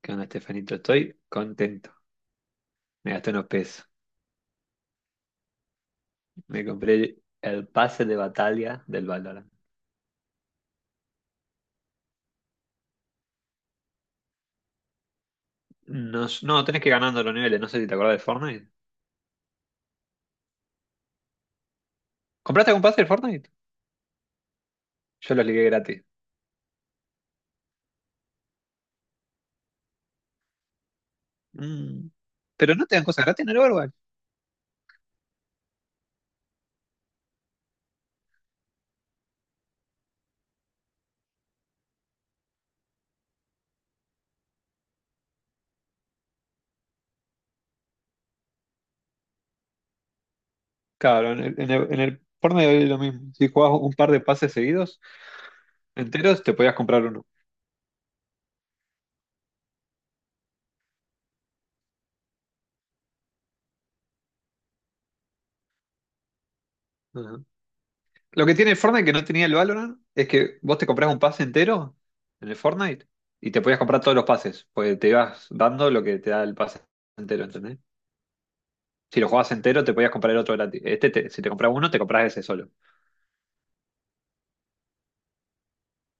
¿Qué onda, Estefanito? Estoy contento. Me gasté unos pesos. Me compré el pase de batalla del Valorant. No, no, tenés que ir ganando los niveles. No sé si te acordás del Fortnite. ¿Compraste algún pase del Fortnite? Yo lo ligué gratis. Mm. Pero no te dan cosas gratis en el Overwatch. Claro, en el Fortnite es lo mismo. Si jugabas un par de pases seguidos, enteros, te podías comprar uno. Lo que tiene el Fortnite que no tenía el Valorant es que vos te comprás un pase entero en el Fortnite y te podías comprar todos los pases, porque te ibas dando lo que te da el pase entero, ¿entendés? Si lo jugabas entero, te podías comprar el otro gratis. Este, si te compras uno, te compras ese solo.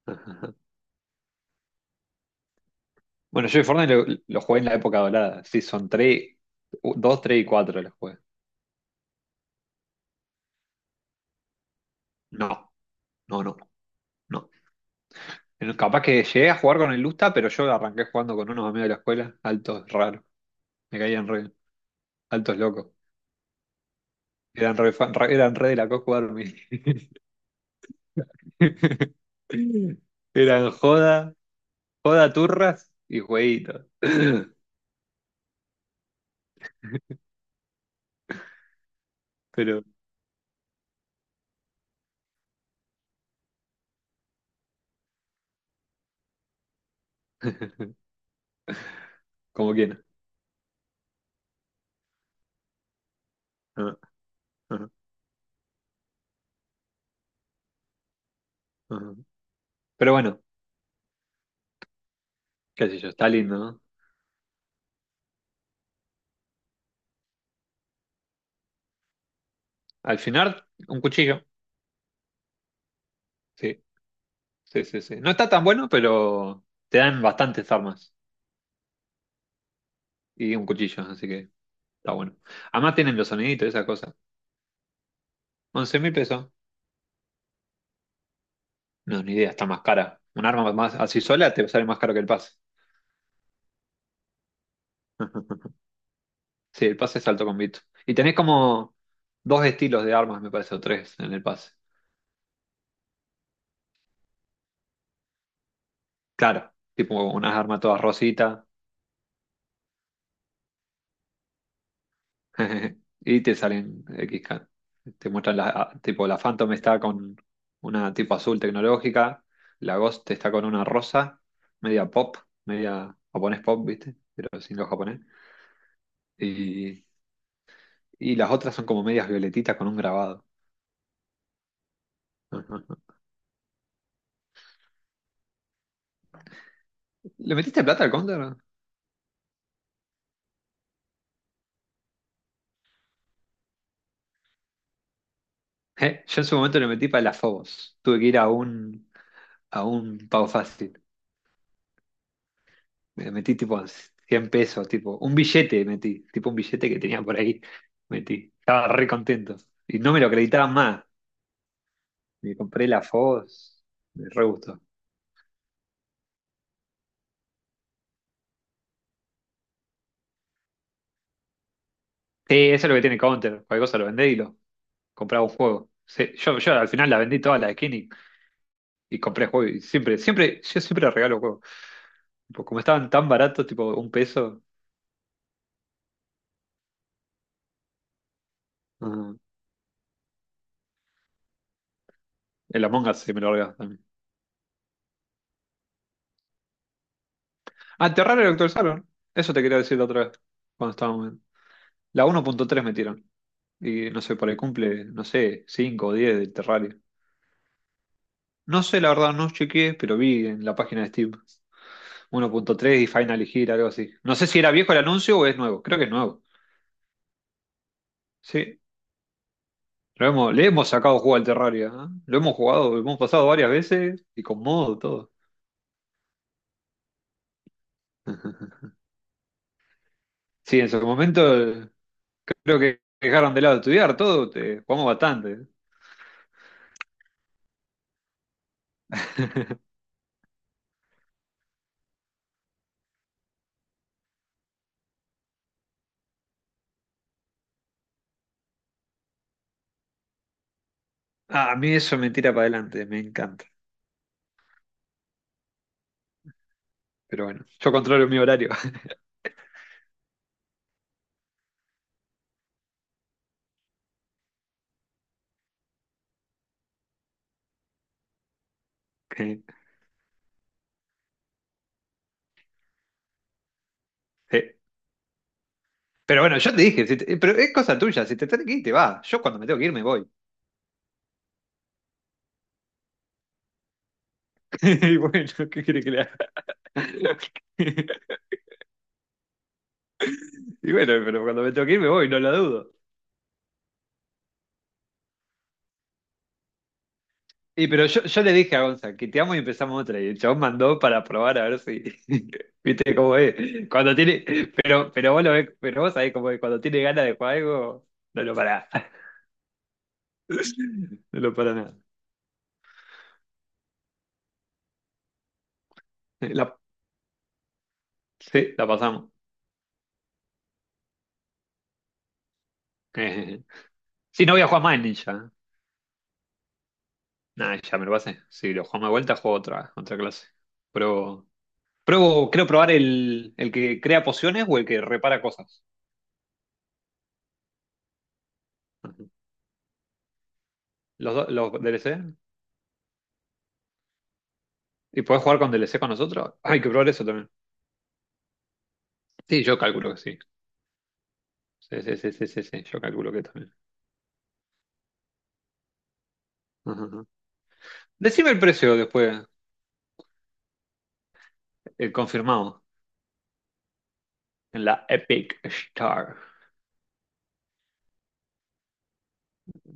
Ajá, ajá. Bueno, yo el Fortnite lo jugué en la época dorada. Sí, son 3, 2, 3 y 4 los jugué. No, no, no, no. Capaz que llegué a jugar con el Lusta, pero yo arranqué jugando con unos amigos de la escuela, altos raros. Me caían re, altos locos. Eran eran re de la co jugar. Eran joda, joda turras y jueguitos. Pero, como quieran. Ajá, ajá, ajá. Pero bueno, qué sé yo, está lindo, ¿no? Al final, un cuchillo. Sí, sí, sí, sí. No está tan bueno, pero te dan bastantes armas y un cuchillo, así que está bueno. Además tienen los soniditos, y esa cosa. 11 mil pesos. No, ni idea, está más cara. Un arma más así sola te sale más caro que el pase. Sí, el pase es alto con Vito. Y tenés como dos estilos de armas, me parece, o tres en el pase. Claro, tipo unas armas todas rositas, y te salen XK. Te muestran tipo la Phantom está con una tipo azul tecnológica, la Ghost está con una rosa, media pop, media japonés pop, ¿viste? Pero sin lo japonés. Y, y las otras son como medias violetitas con un grabado. ¿Le metiste plata al counter? Yo en su momento le metí para las Fobos. Tuve que ir a un pago fácil. Me metí tipo $100, tipo un billete metí, tipo un billete que tenía por ahí, metí. Estaba re contento. Y no me lo acreditaban más. Me compré la FOS, me re gustó. Sí, eso es lo que tiene Counter. Cualquier cosa lo vendés y lo compraba un juego. Sí, yo al final la vendí toda la skin y compré juego. Y siempre, siempre, yo siempre regalo juegos. Tipo, como estaban tan baratos, tipo un peso, mm, el Among Us se me lo regaló también. Ah, te raro lo actualizaron. Eso te quería decir la otra vez, cuando estábamos. La 1.3 metieron. Y no sé, por ahí cumple, no sé, 5 o 10 del Terraria. No sé, la verdad, no chequeé, pero vi en la página de Steam 1.3 y Final Gear, algo así. No sé si era viejo el anuncio o es nuevo. Creo que es nuevo. Sí, le hemos sacado juego al Terraria, ¿eh? Lo hemos jugado, lo hemos pasado varias veces y con modo, todo. Sí, en su momento, creo que dejaron de lado estudiar todo, te, jugamos bastante. Ah, a mí eso me tira para adelante, me encanta. Pero bueno, yo controlo mi horario. Sí. Pero bueno, yo te dije, si pero es cosa tuya, si te tenés que ir, te vas. Yo cuando me tengo que ir, me voy. Y bueno, ¿qué quiere que le haga? Y bueno, pero cuando me tengo que ir, me voy, no lo dudo. Y pero yo le dije a Gonza que te amo y empezamos otra. Y el chabón mandó para probar a ver si. ¿Viste cómo es? Cuando tiene. Pero vos lo ves, pero vos sabés cómo es. Cuando tiene ganas de jugar algo, no lo para. No lo para nada. La, sí, la pasamos. Sí, no voy a jugar más en Ninja. Nada, ya me lo pasé. Si lo jugamos de vuelta, juego otra, otra clase. Pero, pruebo, creo probar el que crea pociones o el que repara cosas. Ujú. Los dos, los DLC. ¿Y podés jugar con DLC con nosotros? Hay que probar eso también. Sí, yo calculo que sí. Sí, sí, sí, sí, sí, sí, yo calculo que también. Ujú, ujú. Decime el precio después, el confirmado, en la Epic Star.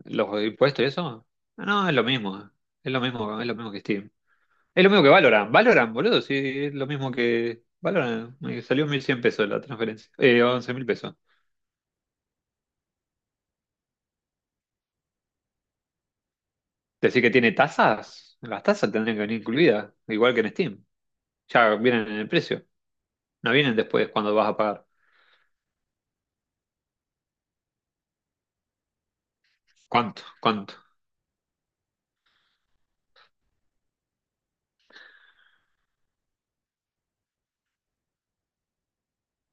¿Los impuestos y eso? No, es lo mismo. Es lo mismo, es lo mismo que Steam. Es lo mismo que Valorant. Valorant, boludo, sí, es lo mismo que Valorant. Me salió $1.100 la transferencia. $11.000. Decir que tiene tasas, las tasas tendrían que venir incluidas, igual que en Steam. Ya vienen en el precio, no vienen después cuando vas a pagar. ¿Cuánto? ¿Cuánto?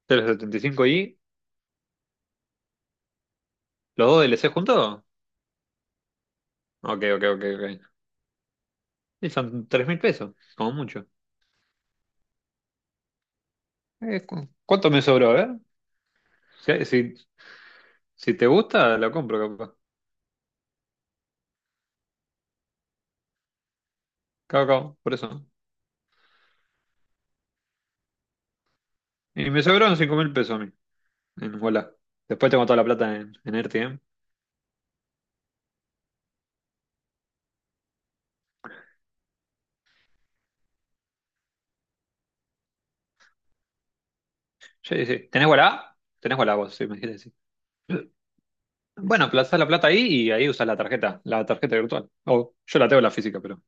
¿3,75 y los dos D L C juntos? Ok, ok, ok, ok. Y son $3.000, como mucho. ¿Cuánto me sobró? A ver. Si, si, si te gusta, lo compro, capaz. Cabo, cabo, por eso. Y me sobraron $5.000 a mí, en Walla. Después tengo toda la plata en, en Erti. Sí, sí. ¿Tenés Walla? Tenés Walla vos, sí, me dijiste, sí. Bueno, plazás la plata ahí y ahí usás la tarjeta virtual. O yo la tengo la física, pero.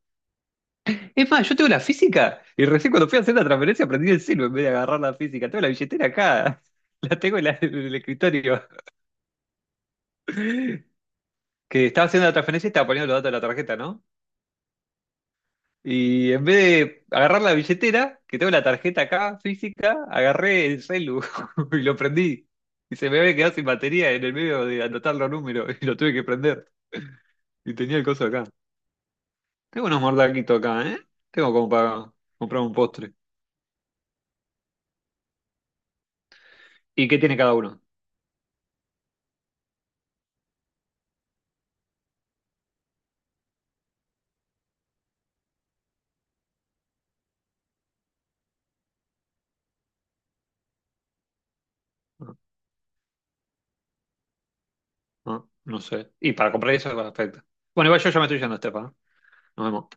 Es más, yo tengo la física y recién cuando fui a hacer la transferencia aprendí el silbo en vez de agarrar la física. Tengo la billetera acá. La tengo en el escritorio. Que estaba haciendo la transferencia y estaba poniendo los datos de la tarjeta, ¿no? Y en vez de agarrar la billetera, que tengo la tarjeta acá física, agarré el celu y lo prendí. Y se me había quedado sin batería en el medio de anotar los números y lo tuve que prender. Y tenía el coso acá. Tengo unos mordaquitos acá, ¿eh? Tengo como para comprar un postre. ¿Y qué tiene cada uno? Ah, ah, no sé. Y para comprar eso, es perfecto. Bueno, igual yo ya me estoy yendo, Estefa, ¿no? Nos vemos.